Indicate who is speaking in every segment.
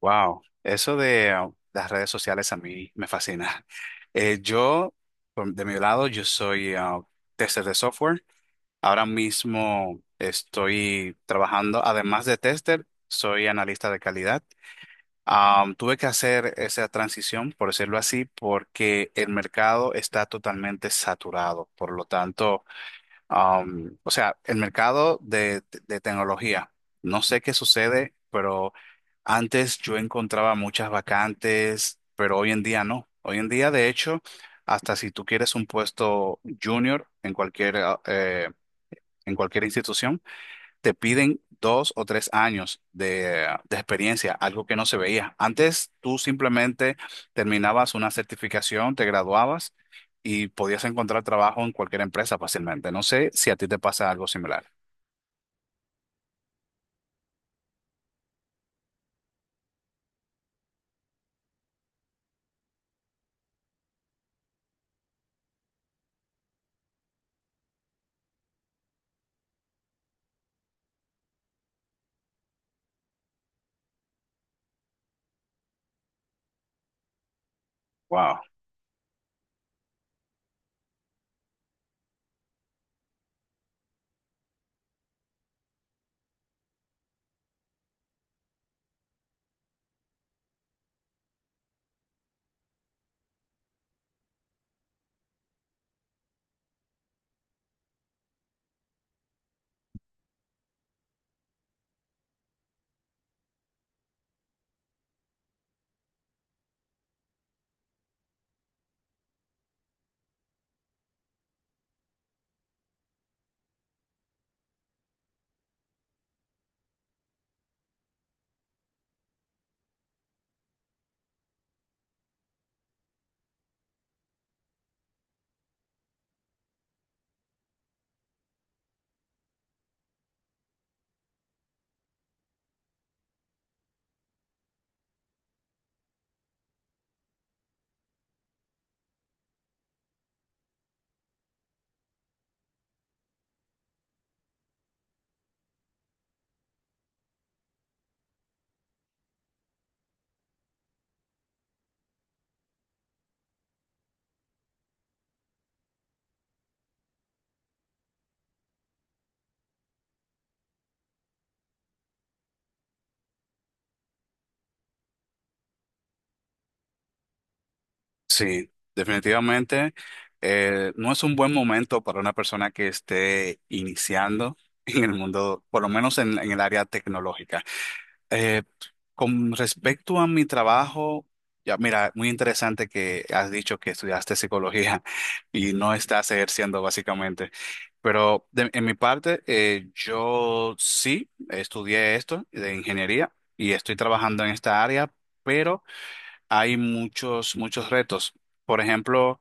Speaker 1: Wow, eso de las redes sociales a mí me fascina. Eh, yo, de mi lado, yo soy tester de software. Ahora mismo estoy trabajando, además de tester, soy analista de calidad. Tuve que hacer esa transición, por decirlo así, porque el mercado está totalmente saturado. Por lo tanto, o sea, el mercado de tecnología. No sé qué sucede, pero antes yo encontraba muchas vacantes, pero hoy en día no. Hoy en día, de hecho, hasta si tú quieres un puesto junior en en cualquier institución, te piden dos o tres años de experiencia, algo que no se veía. Antes tú simplemente terminabas una certificación, te graduabas y podías encontrar trabajo en cualquier empresa fácilmente. No sé si a ti te pasa algo similar. Wow, sí, definitivamente, no es un buen momento para una persona que esté iniciando en el mundo, por lo menos en el área tecnológica. Eh, Con respecto a mi trabajo, ya mira, muy interesante que has dicho que estudiaste psicología y no estás ejerciendo básicamente. Pero en mi parte, yo sí estudié esto de ingeniería y estoy trabajando en esta área, pero hay muchos retos. Por ejemplo,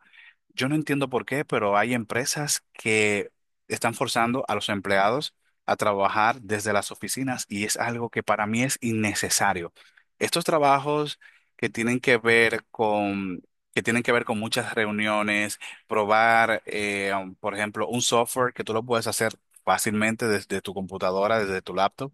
Speaker 1: yo no entiendo por qué, pero hay empresas que están forzando a los empleados a trabajar desde las oficinas y es algo que para mí es innecesario. Estos trabajos que tienen que ver con, que tienen que ver con muchas reuniones, probar, por ejemplo, un software que tú lo puedes hacer fácilmente desde tu computadora, desde tu laptop.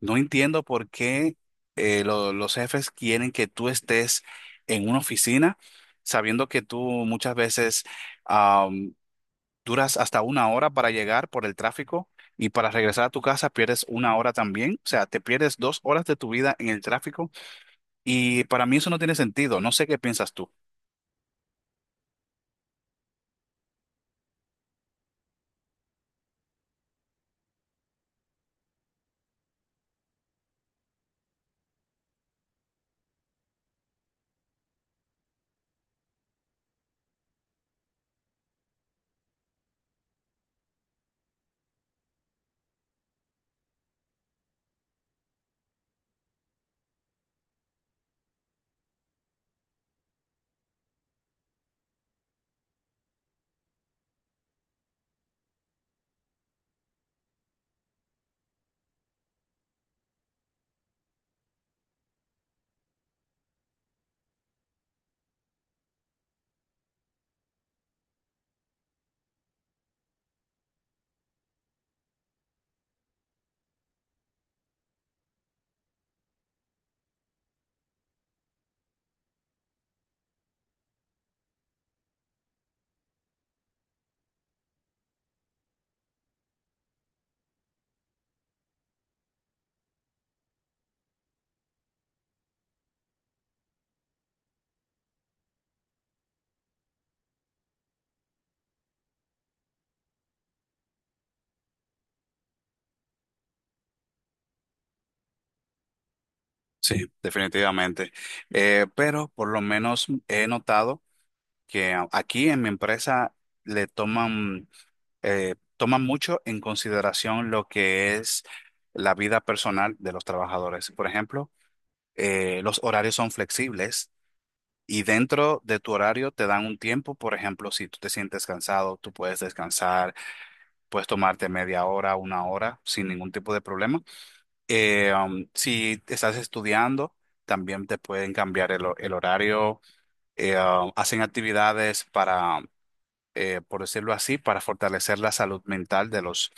Speaker 1: No entiendo por qué los jefes quieren que tú estés en una oficina sabiendo que tú muchas veces am, duras hasta una hora para llegar por el tráfico y para regresar a tu casa pierdes una hora también, o sea, te pierdes dos horas de tu vida en el tráfico y para mí eso no tiene sentido, no sé qué piensas tú. Sí, definitivamente. Pero por lo menos he notado que aquí en mi empresa le toman, toman mucho en consideración lo que es la vida personal de los trabajadores. Por ejemplo, los horarios son flexibles y dentro de tu horario te dan un tiempo. Por ejemplo, si tú te sientes cansado, tú puedes descansar, puedes tomarte media hora, una hora sin ningún tipo de problema. Si estás estudiando, también te pueden cambiar el horario. Hacen actividades para por decirlo así, para fortalecer la salud mental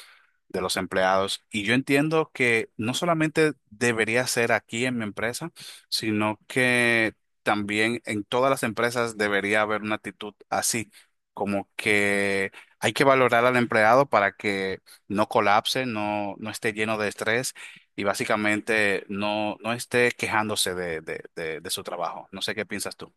Speaker 1: de los empleados. Y yo entiendo que no solamente debería ser aquí en mi empresa, sino que también en todas las empresas debería haber una actitud así, como que hay que valorar al empleado para que no colapse, no, no esté lleno de estrés y básicamente no, no esté quejándose de, de su trabajo. No sé qué piensas tú.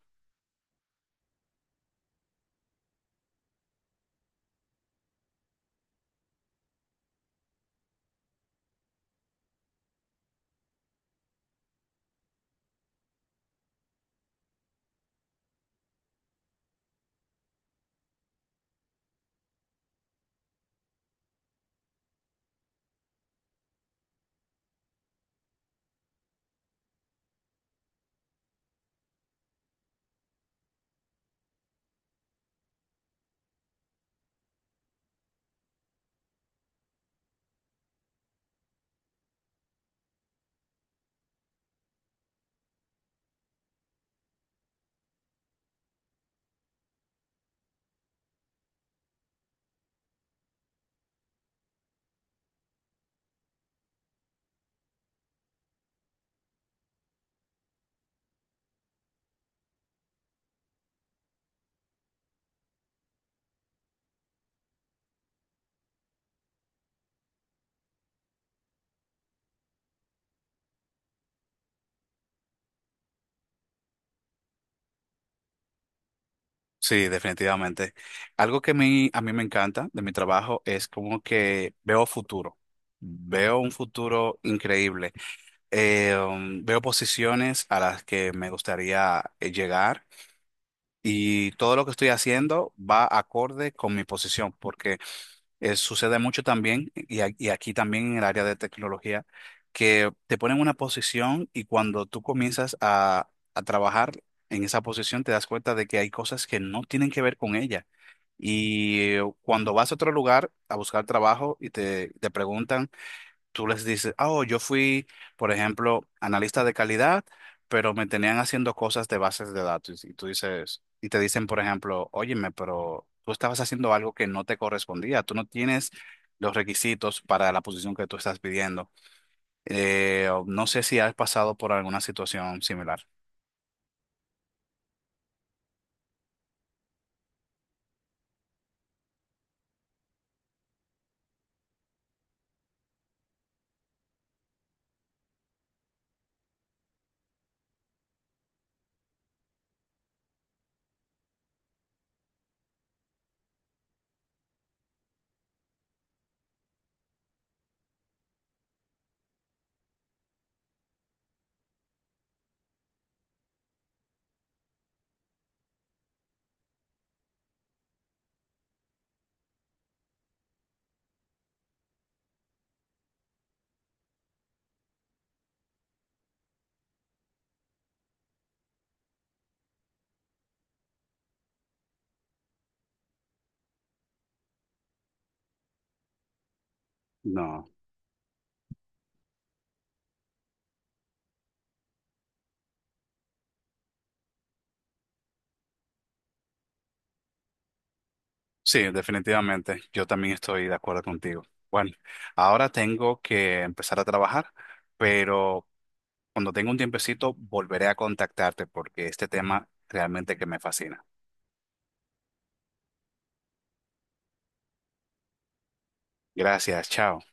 Speaker 1: Sí, definitivamente. Algo que a mí me encanta de mi trabajo es como que veo futuro. Veo un futuro increíble. Veo posiciones a las que me gustaría llegar, y todo lo que estoy haciendo va acorde con mi posición, porque sucede mucho también, y aquí también en el área de tecnología, que te ponen una posición y cuando tú comienzas a trabajar en esa posición te das cuenta de que hay cosas que no tienen que ver con ella. Y cuando vas a otro lugar a buscar trabajo te preguntan, tú les dices, "Ah, oh, yo fui, por ejemplo, analista de calidad, pero me tenían haciendo cosas de bases de datos." Y tú dices, y te dicen, por ejemplo, óyeme, pero tú estabas haciendo algo que no te correspondía, tú no tienes los requisitos para la posición que tú estás pidiendo. O no sé si has pasado por alguna situación similar. No. Sí, definitivamente. Yo también estoy de acuerdo contigo. Bueno, ahora tengo que empezar a trabajar, pero cuando tenga un tiempecito, volveré a contactarte porque este tema realmente que me fascina. Gracias, chao.